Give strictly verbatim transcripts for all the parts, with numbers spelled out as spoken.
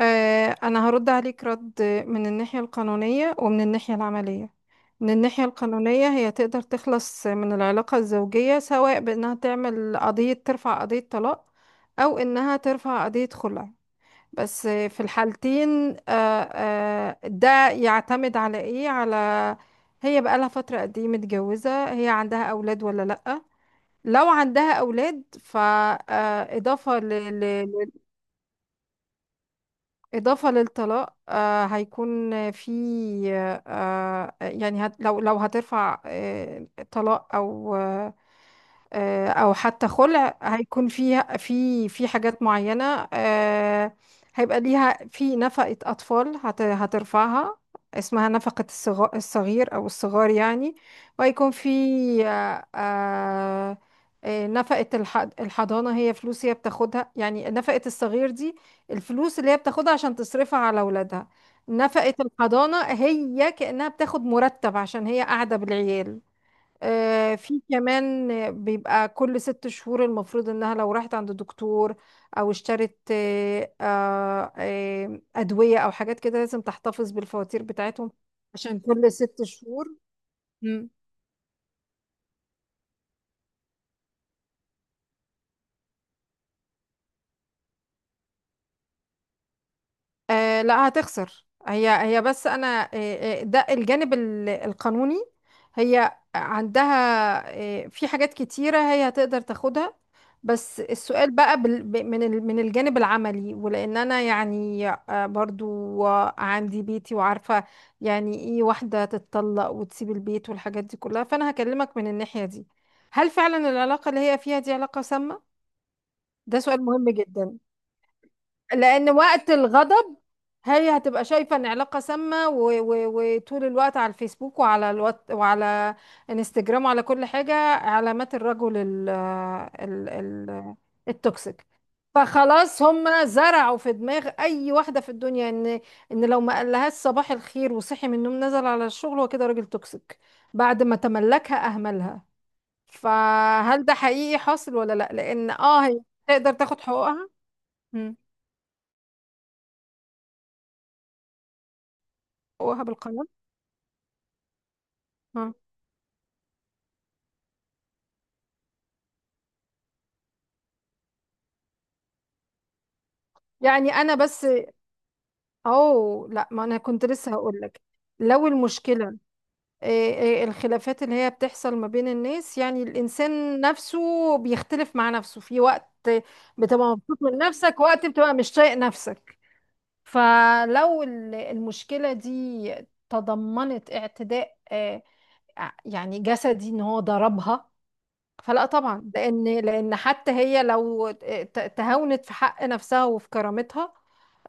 آه، أنا هرد عليك رد، من الناحية القانونية ومن الناحية العملية. من الناحية القانونية هي تقدر تخلص من العلاقة الزوجية، سواء بأنها تعمل قضية ترفع قضية طلاق، أو إنها ترفع قضية خلع. بس آه، في الحالتين آه، آه، ده يعتمد على إيه، على هي بقالها فترة قد إيه متجوزة، هي عندها أولاد ولا لأ. لو عندها أولاد فإضافة إضافة للطلاق آه هيكون في آه آه، يعني هت لو لو هترفع آه طلاق أو آه، آه، او حتى خلع هيكون فيها في في حاجات معينة آه، هيبقى ليها في نفقة اطفال هت- هترفعها، اسمها نفقة الصغا- الصغير او الصغار يعني. وهيكون في آه، آه، آه، نفقة الح- الحضانة، هي فلوس هي بتاخدها، يعني نفقة الصغير دي الفلوس اللي هي بتاخدها عشان تصرفها على اولادها. نفقة الحضانة هي كأنها بتاخد مرتب عشان هي قاعدة بالعيال. آه، في كمان، بيبقى كل ست شهور المفروض انها لو راحت عند دكتور، او اشترت آه، آه، آه، ادوية او حاجات كده لازم تحتفظ بالفواتير بتاعتهم عشان كل ست شهور. مم. آه لا هتخسر، هي هي بس انا آه آه، ده الجانب ال- القانوني. هي عندها آه في حاجات كتيرة هي هتقدر تاخدها. بس السؤال بقى بال- ب- من ال- من الجانب العملي، ولان انا يعني آه برضو آه، عندي بيتي وعارفة يعني ايه واحدة تتطلق وتسيب البيت والحاجات دي كلها، فانا هكلمك من الناحية دي. هل فعلا العلاقة اللي هي فيها دي علاقة سامة؟ ده سؤال مهم جدا، لأن وقت الغضب هي هتبقى شايفة ان علاقة سامة، و- و- وطول الوقت على الفيسبوك وعلى الوات وعلى انستجرام وعلى كل حاجة، علامات الرجل ال ال ال التوكسيك. فخلاص هم زرعوا في دماغ اي واحدة في الدنيا ان ان لو ما قالهاش صباح الخير وصحي من النوم نزل على الشغل هو كده راجل توكسيك، بعد ما تملكها اهملها. فهل ده حقيقي حاصل ولا لا، لان اه هي تقدر تاخد حقوقها. مم. حقوقها بالقانون. آه. يعني انا بس، او لا ما انا كنت لسه هقولك، لو المشكلة آه، آه، الخلافات اللي هي بتحصل ما بين الناس، يعني الإنسان نفسه بيختلف مع نفسه، في وقت بتبقى مبسوط من نفسك، وقت بتبقى مش طايق نفسك. فلو ال- المشكلة دي تضمنت اعتداء آه، يعني جسدي ان هو ضربها، فلا طبعا. لان لان حتى هي لو ت- تهاونت في حق نفسها وفي كرامتها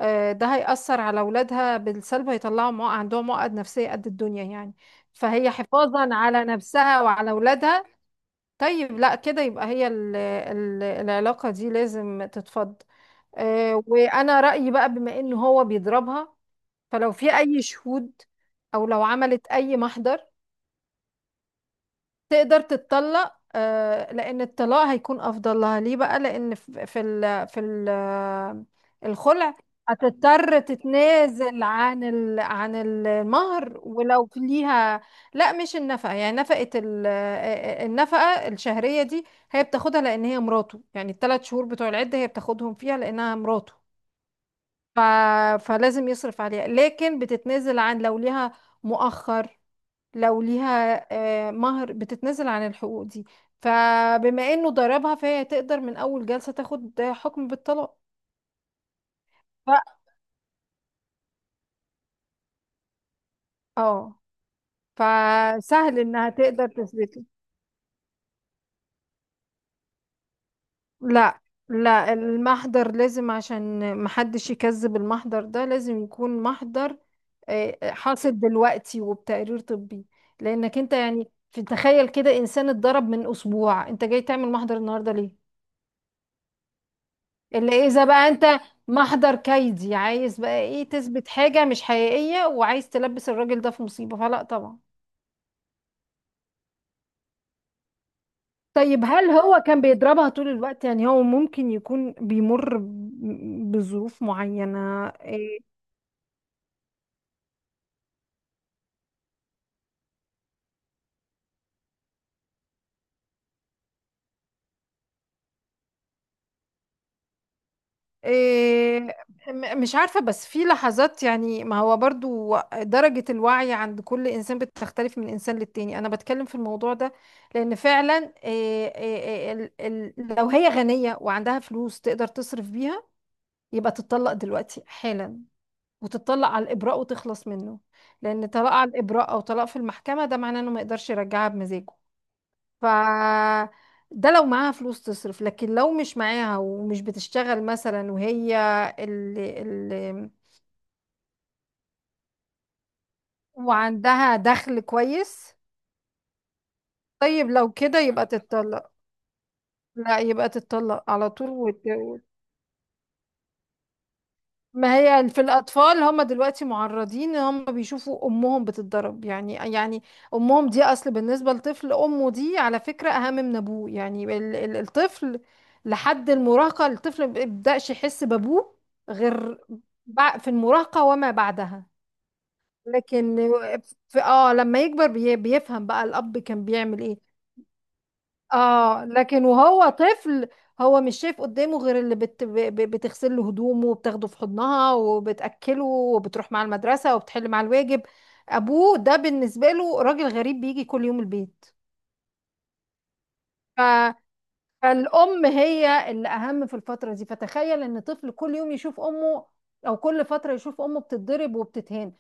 آه، ده هيأثر على أولادها بالسلب، هيطلعوا مع... عندهم عقد نفسية قد الدنيا يعني. فهي حفاظا على نفسها وعلى أولادها، طيب لا كده يبقى هي ال... ال... العلاقة دي لازم تتفض. آه، وأنا رأيي بقى بما إن هو بيضربها، فلو في أي شهود أو لو عملت أي محضر تقدر تتطلق آه، لان الطلاق هيكون افضل لها. ليه بقى؟ لان ف- في ال في ال الخلع هتضطر تتنازل عن ال عن المهر ولو في ليها. لا مش النفقه، يعني نفقه ال- آه، النفقه الشهريه دي هي بتاخدها لان هي مراته، يعني الثلاث شهور بتوع العده هي بتاخدهم فيها لانها مراته، ف... فلازم يصرف عليها. لكن بتتنازل عن، لو ليها مؤخر، لو ليها آه، مهر، بتتنازل عن الحقوق دي. فبما انه ضربها فهي تقدر من اول جلسة تاخد آه، حكم بالطلاق. ف- اه فسهل انها تقدر تثبته. لا لا المحضر لازم عشان محدش يكذب، المحضر ده لازم يكون محضر آه، حاصل دلوقتي وبتقرير طبي. لانك انت يعني في تخيل كده، انسان اتضرب من اسبوع انت جاي تعمل محضر النهارده ليه؟ اللي اذا بقى انت محضر كيدي، عايز بقى ايه، تثبت حاجة مش حقيقية وعايز تلبس الراجل ده في مصيبة، فلا طبعا. طيب هل هو كان بيضربها طول الوقت؟ يعني هو ممكن يكون بيمر ب- بظروف معينة إيه؟ إيه م- مش عارفة، بس في لحظات يعني، ما هو برضو درجة الوعي عند كل إنسان بتختلف من إنسان للتاني، أنا بتكلم في الموضوع ده لأن فعلا إيه إيه إيه ال- ال- لو هي غنية وعندها فلوس تقدر تصرف بيها، يبقى تتطلق دلوقتي حالا، وتتطلق على الإبراء وتخلص منه، لأن طلاق على الإبراء أو طلاق في المحكمة ده معناه إنه ما يقدرش يرجعها بمزاجه. ف ده لو معاها فلوس تصرف، لكن لو مش معاها ومش بتشتغل مثلا، وهي اللي اللي وعندها دخل كويس، طيب لو كده يبقى تتطلق، لا يبقى تتطلق على طول وت... ما هي في الأطفال، هم دلوقتي معرضين إن هم بيشوفوا أمهم بتتضرب، يعني يعني أمهم دي أصل بالنسبة للطفل، أمه دي على فكرة أهم من أبوه، يعني ال- ال- الطفل لحد المراهقة، الطفل ما بيبدأش يحس بأبوه غير بع- في المراهقة وما بعدها. لكن في اه لما يكبر بي- بيفهم بقى الأب كان بيعمل إيه. اه لكن وهو طفل، هو مش شايف قدامه غير اللي بت... ب- ب- بتغسل له هدومه وبتاخده في حضنها وبتأكله وبتروح مع المدرسة وبتحل مع الواجب. ابوه ده بالنسبة له راجل غريب بيجي كل يوم البيت. ف... فالأم هي اللي أهم في الفترة دي، فتخيل إن طفل كل يوم يشوف أمه أو كل فترة يشوف أمه بتتضرب وبتتهان،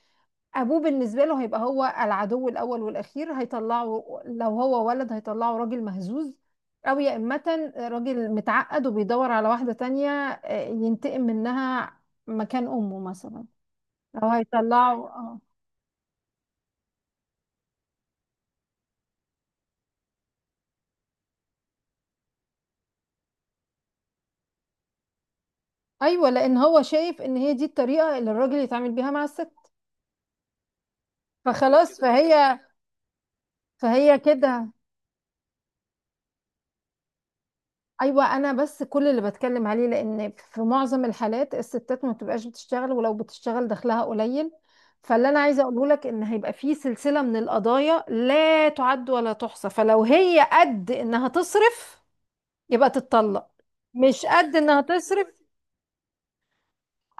ابوه بالنسبه له هيبقى هو العدو الاول والاخير. هيطلعه، لو هو ولد، هيطلعه راجل مهزوز، او يا امه راجل متعقد وبيدور على واحده تانية آه، ينتقم منها مكان امه مثلا، او هيطلعه آه. ايوه، لان هو شايف ان هي دي الطريقه اللي الراجل يتعامل بيها مع الست، فخلاص. فهي فهي كده ايوه، انا بس كل اللي بتكلم عليه، لان في معظم الحالات الستات ما بتبقاش بتشتغل، ولو بتشتغل دخلها قليل، فاللي انا عايزه اقوله لك ان هيبقى في سلسله من القضايا لا تعد ولا تحصى. فلو هي قد انها تصرف يبقى تتطلق. مش قد انها تصرف.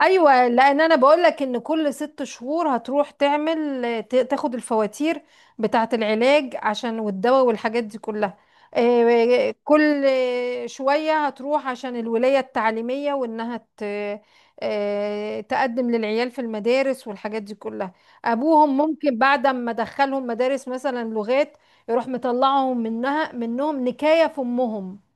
ايوه، لان انا بقول لك ان كل ست شهور هتروح تعمل ت- تاخد الفواتير بتاعه العلاج، عشان والدواء والحاجات دي كلها. آه، كل شويه هتروح عشان الولايه التعليميه، وانها ت- آه، تقدم للعيال في المدارس والحاجات دي كلها. ابوهم ممكن بعد ما دخلهم مدارس مثلا لغات، يروح مطلعهم منها منهم نكايه في امهم.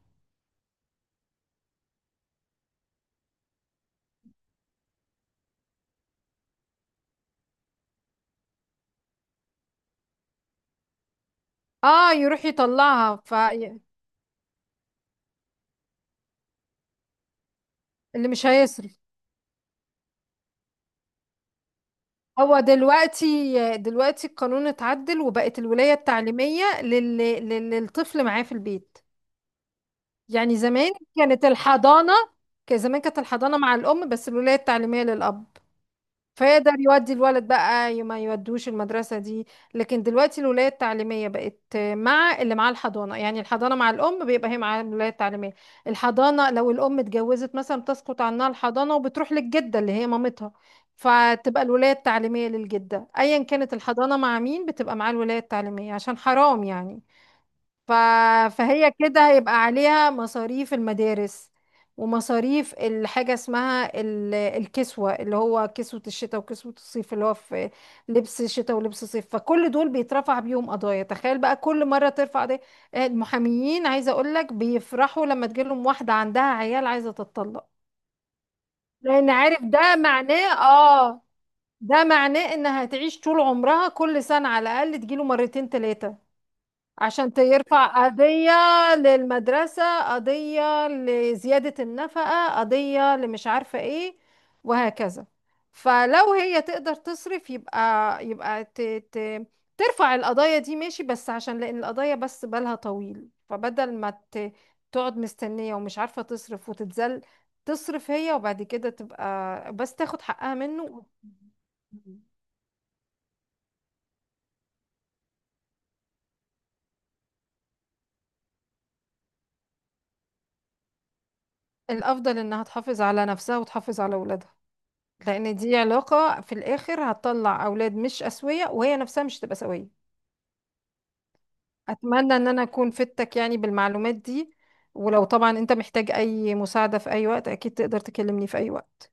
اه يروح يطلعها، فاللي مش هيصرف. هو دلوقتي دلوقتي القانون اتعدل، وبقت الولاية التعليمية لل... لل- للطفل معاه في البيت. يعني زمان كانت الحضانة، كان زمان كانت الحضانة مع الأم بس الولاية التعليمية للأب، فيقدر يودي الولد بقى ي- ما يودوش المدرسة دي. لكن دلوقتي الولاية التعليمية بقت مع اللي معاه الحضانة، يعني الحضانة مع الأم بيبقى هي معاها الولاية التعليمية. الحضانة لو الأم اتجوزت مثلا بتسقط عنها الحضانة وبتروح للجدة اللي هي مامتها، فتبقى الولاية التعليمية للجدة، أيا كانت الحضانة مع مين بتبقى معاه الولاية التعليمية، عشان حرام يعني. ف... فهي كده هيبقى عليها مصاريف المدارس ومصاريف الحاجة اسمها ال- الكسوة، اللي هو كسوة الشتاء وكسوة الصيف، اللي هو في لبس شتاء ولبس صيف، فكل دول بيترفع بيهم قضايا. تخيل بقى كل مرة ترفع دي المحاميين، عايزة اقولك بيفرحوا لما تجيلهم واحدة عندها عيال عايزة تتطلق، لان عارف ده معناه اه، ده معناه انها هتعيش طول عمرها كل سنة على الاقل تجيله مرتين تلاتة، عشان يرفع قضية للمدرسة، قضية لزيادة النفقة، قضية لمش عارفة ايه، وهكذا. فلو هي تقدر تصرف يبقى يبقى ت... ت... ترفع القضايا دي، ماشي، بس عشان لأن القضايا بس بالها طويل، فبدل ما ت... تقعد مستنية ومش عارفة تصرف وتتذل، تصرف هي وبعد كده تبقى بس تاخد حقها منه. الأفضل إنها تحافظ على نفسها وتحافظ على ولادها، لان دي علاقة في الاخر هتطلع اولاد مش اسوية وهي نفسها مش تبقى سوية. اتمنى ان انا اكون فدتك يعني بالمعلومات دي، ولو طبعا انت محتاج اي مساعدة في اي وقت اكيد تقدر تكلمني في اي وقت.